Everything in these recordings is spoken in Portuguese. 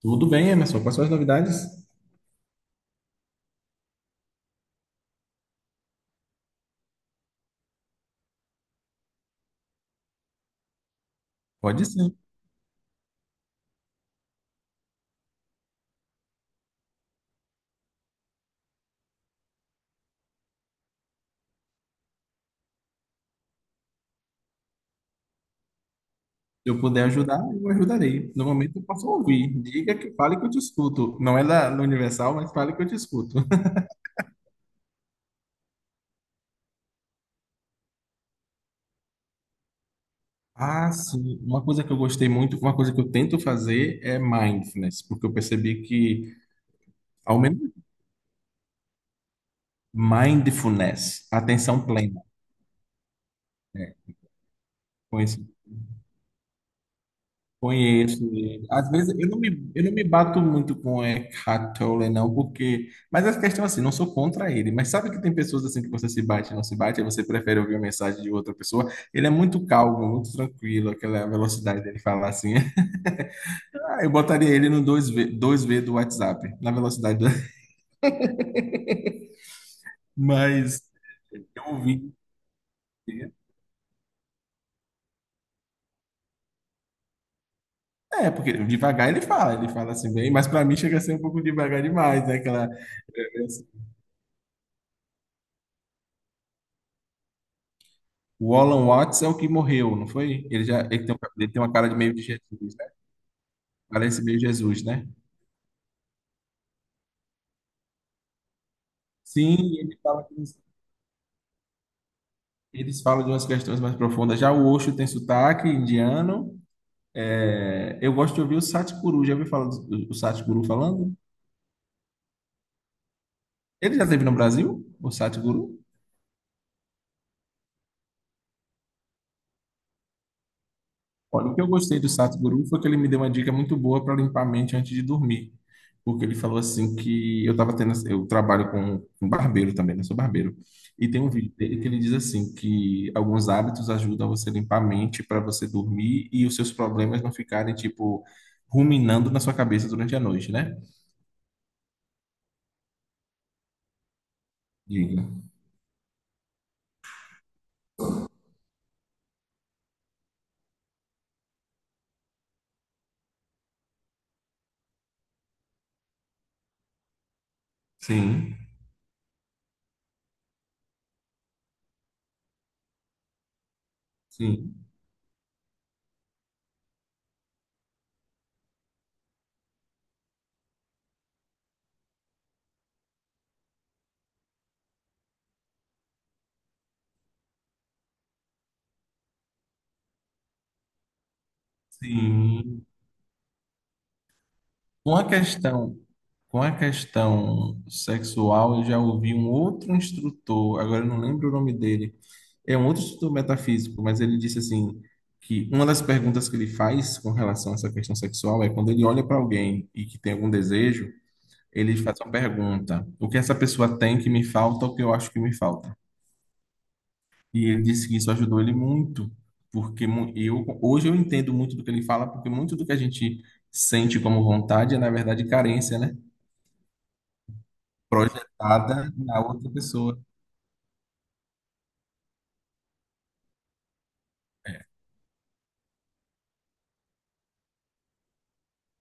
Tudo bem, Emerson. Quais são as novidades? Pode ser. Se eu puder ajudar, eu ajudarei. No momento, eu posso ouvir. Diga que fale que eu te escuto. Não é da no Universal, mas fale que eu te escuto. Ah, sim. Uma coisa que eu gostei muito, uma coisa que eu tento fazer é mindfulness, porque eu percebi que, ao menos, mindfulness, atenção plena. Conheço. Conheço ele. Às vezes eu não me bato muito com Eckhart Tolle, não, porque. Mas a questão é assim, não sou contra ele. Mas sabe que tem pessoas assim que você se bate e não se bate, aí você prefere ouvir a mensagem de outra pessoa. Ele é muito calmo, muito tranquilo, aquela velocidade dele falar assim. Ah, eu botaria ele no dois v do WhatsApp, na velocidade do... Mas eu ouvi. É, porque devagar ele fala assim bem, mas para mim chega a ser um pouco devagar demais, né? Aquela é, O Alan Watts é o que morreu, não foi? Ele já ele tem, um- ele tem uma cara de meio de Jesus, né? Parece meio Jesus, né? Sim, ele fala que eles falam de umas questões mais profundas. Já o Osho tem sotaque indiano. É, eu gosto de ouvir o Satguru. Já ouviu falar do, do Satguru falando? Ele já esteve no Brasil? O Satguru? Olha, o que eu gostei do Sadhguru foi que ele me deu uma dica muito boa para limpar a mente antes de dormir. Porque ele falou assim que eu estava tendo, eu trabalho com um barbeiro também, né? Sou barbeiro. E tem um vídeo dele que ele diz assim que alguns hábitos ajudam você a limpar a mente para você dormir e os seus problemas não ficarem tipo ruminando na sua cabeça durante a noite, né? Diga. Sim, sim, sim. Uma questão Com a questão sexual, eu já ouvi um outro instrutor, agora eu não lembro o nome dele, é um outro instrutor metafísico, mas ele disse assim, que uma das perguntas que ele faz com relação a essa questão sexual é quando ele olha para alguém e que tem algum desejo, ele faz uma pergunta: o que essa pessoa tem que me falta, o que eu acho que me falta? E ele disse que isso ajudou ele muito, porque eu hoje eu entendo muito do que ele fala, porque muito do que a gente sente como vontade é na verdade carência, né? Projetada na outra pessoa.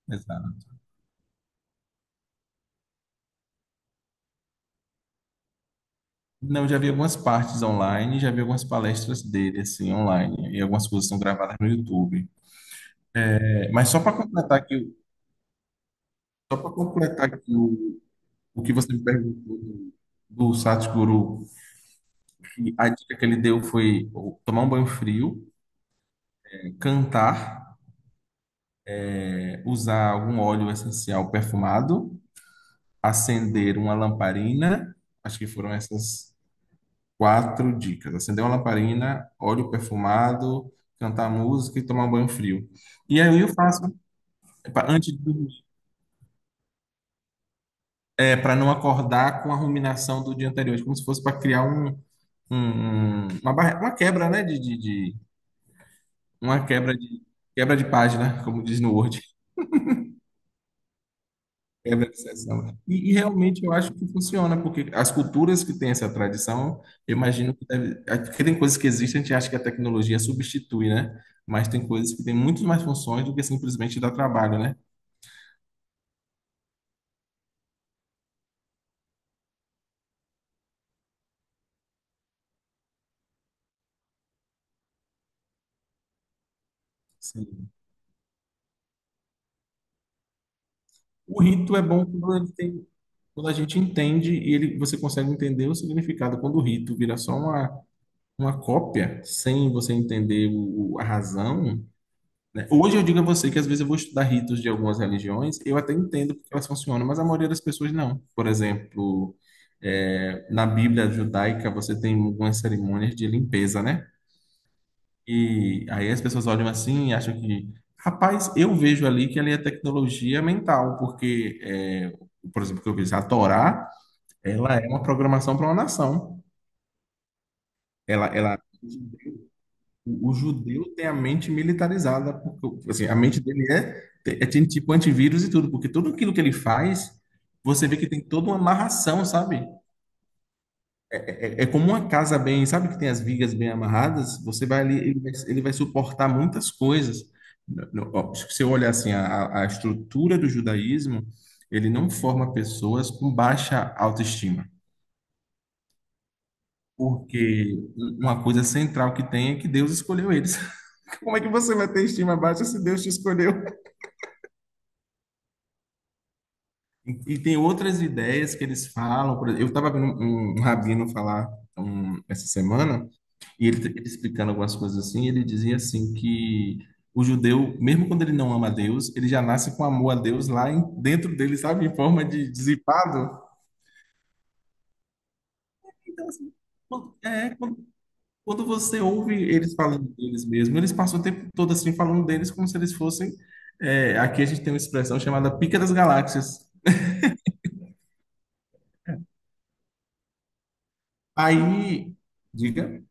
Exato. Não, já vi algumas partes online, já vi algumas palestras dele assim online e algumas coisas são gravadas no YouTube. É, mas só para completar que o que você me perguntou do Satguru, que a dica que ele deu foi tomar um banho frio, cantar, usar algum óleo essencial perfumado, acender uma lamparina. Acho que foram essas quatro dicas: acender uma lamparina, óleo perfumado, cantar música e tomar um banho frio. E aí eu faço antes de dormir, para não acordar com a ruminação do dia anterior, como se fosse para criar uma quebra, né? De, Uma quebra de página, como diz no Word. É da obsessão. E realmente eu acho que funciona, porque as culturas que têm essa tradição, eu imagino que deve. Porque tem coisas que existem, a gente acha que a tecnologia substitui, né? Mas tem coisas que têm muito mais funções do que simplesmente dar trabalho, né? Sim. O rito é bom quando a gente entende e ele, você consegue entender o significado. Quando o rito vira só uma cópia, sem você entender a razão, né? Hoje eu digo a você que às vezes eu vou estudar ritos de algumas religiões, eu até entendo porque elas funcionam, mas a maioria das pessoas não. Por exemplo, na Bíblia judaica você tem algumas cerimônias de limpeza, né? E aí as pessoas olham assim e acham que, rapaz, eu vejo ali que ali é tecnologia mental, porque, por exemplo, que eu vejo a Torá, ela é uma programação para uma nação. Ela, ela o judeu tem a mente militarizada, porque assim, a mente dele tem tipo antivírus e tudo, porque tudo aquilo que ele faz, você vê que tem toda uma amarração, sabe? É como uma casa bem, sabe que tem as vigas bem amarradas, você vai ali, ele vai, suportar muitas coisas. Ó, se você olhar assim, a estrutura do judaísmo, ele não forma pessoas com baixa autoestima. Porque uma coisa central que tem é que Deus escolheu eles. Como é que você vai ter estima baixa se Deus te escolheu? E tem outras ideias que eles falam. Por exemplo, eu estava vendo um rabino falar essa semana, e ele explicando algumas coisas assim, ele dizia assim que o judeu, mesmo quando ele não ama a Deus, ele já nasce com amor a Deus lá dentro dele, sabe? Em forma de dissipado. Então, assim, quando- é, quando, quando você ouve eles falando deles mesmo, eles passam o tempo todo assim falando deles como se eles fossem. Aqui a gente tem uma expressão chamada pica das galáxias. Aí, diga.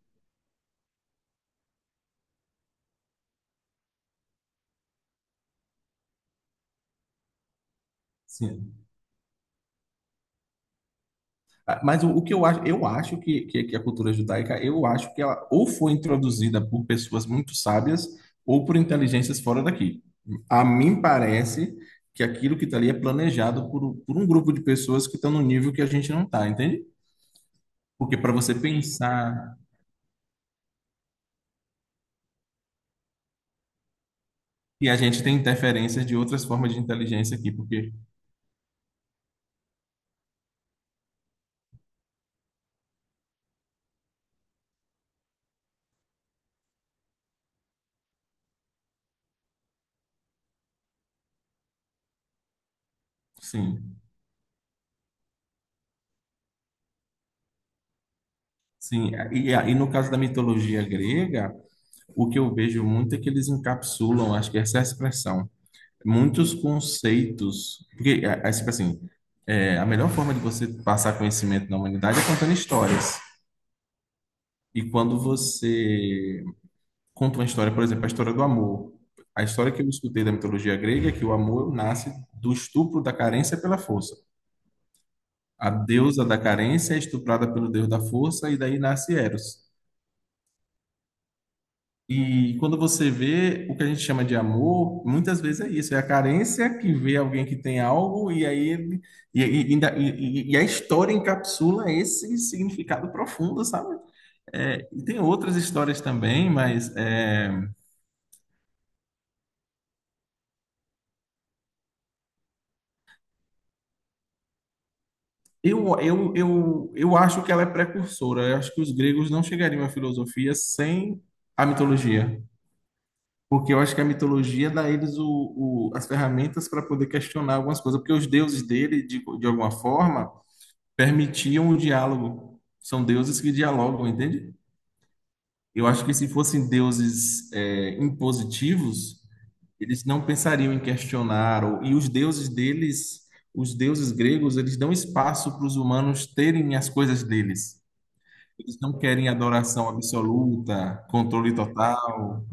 Sim. Ah, mas o que eu acho, eu acho que a cultura judaica, eu acho que ela ou foi introduzida por pessoas muito sábias ou por inteligências fora daqui. A mim parece que aquilo que está ali é planejado por um grupo de pessoas que estão no nível que a gente não está, entende? Porque para você pensar que a gente tem interferências de outras formas de inteligência aqui, porque sim, sim. E no caso da mitologia grega, o que eu vejo muito é que eles encapsulam, acho que essa é a expressão muitos conceitos. Porque, tipo assim, a melhor forma de você passar conhecimento na humanidade é contando histórias. E quando você conta uma história, por exemplo, a história do amor. A história que eu escutei da mitologia grega é que o amor nasce do estupro da carência pela força. A deusa da carência é estuprada pelo deus da força e daí nasce Eros. E quando você vê o que a gente chama de amor, muitas vezes é isso, é a carência que vê alguém que tem algo e aí e, e, ainda- e- e a história encapsula esse significado profundo, sabe? É, e tem outras histórias também, mas eu acho que ela é precursora. Eu acho que os gregos não chegariam à filosofia sem a mitologia. Porque eu acho que a mitologia dá a eles as ferramentas para poder questionar algumas coisas. Porque os deuses dele, de alguma forma, permitiam o diálogo. São deuses que dialogam, entende? Eu acho que se fossem deuses impositivos, eles não pensariam em questionar. E os deuses deles, os deuses gregos, eles dão espaço para os humanos terem as coisas deles. Eles não querem adoração absoluta, controle total.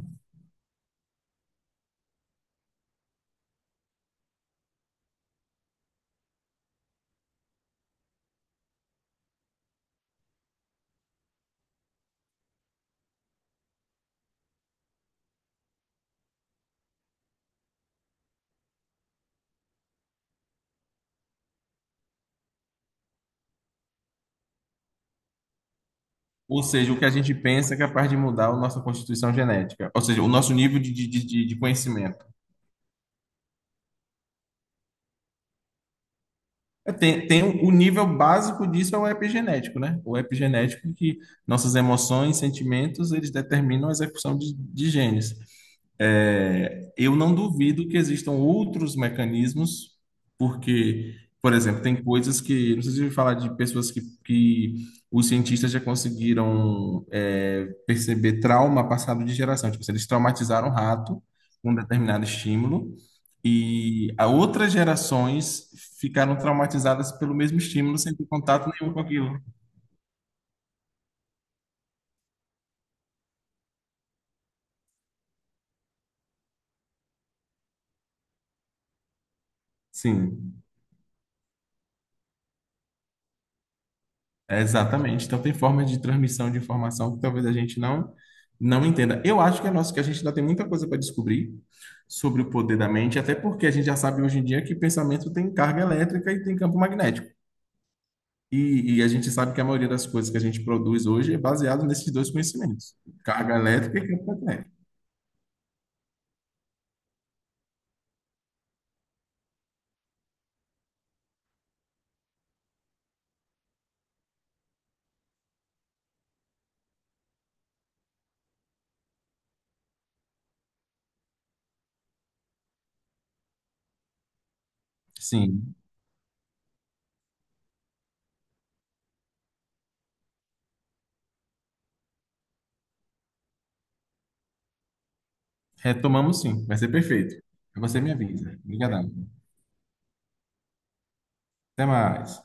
Ou seja, o que a gente pensa é capaz de mudar a nossa constituição genética, ou seja, o nosso nível de conhecimento. É, tem o nível básico disso é o epigenético, né? O epigenético que nossas emoções, sentimentos, eles determinam a execução de genes. É, eu não duvido que existam outros mecanismos, porque, por exemplo, tem coisas que, não sei se eu ouvi falar de pessoas que, os cientistas já conseguiram perceber trauma passado de geração, tipo, assim, eles traumatizaram o rato com um determinado estímulo e a outras gerações ficaram traumatizadas pelo mesmo estímulo sem ter contato nenhum com aquilo. Sim. É, exatamente. Então tem formas de transmissão de informação que talvez a gente não entenda. Eu acho que é nosso que a gente ainda tem muita coisa para descobrir sobre o poder da mente, até porque a gente já sabe hoje em dia que pensamento tem carga elétrica e tem campo magnético. E a gente sabe que a maioria das coisas que a gente produz hoje é baseado nesses dois conhecimentos, carga elétrica e campo magnético. Sim, retomamos sim, vai ser perfeito. É. Você me avisa. Obrigadão. Até mais.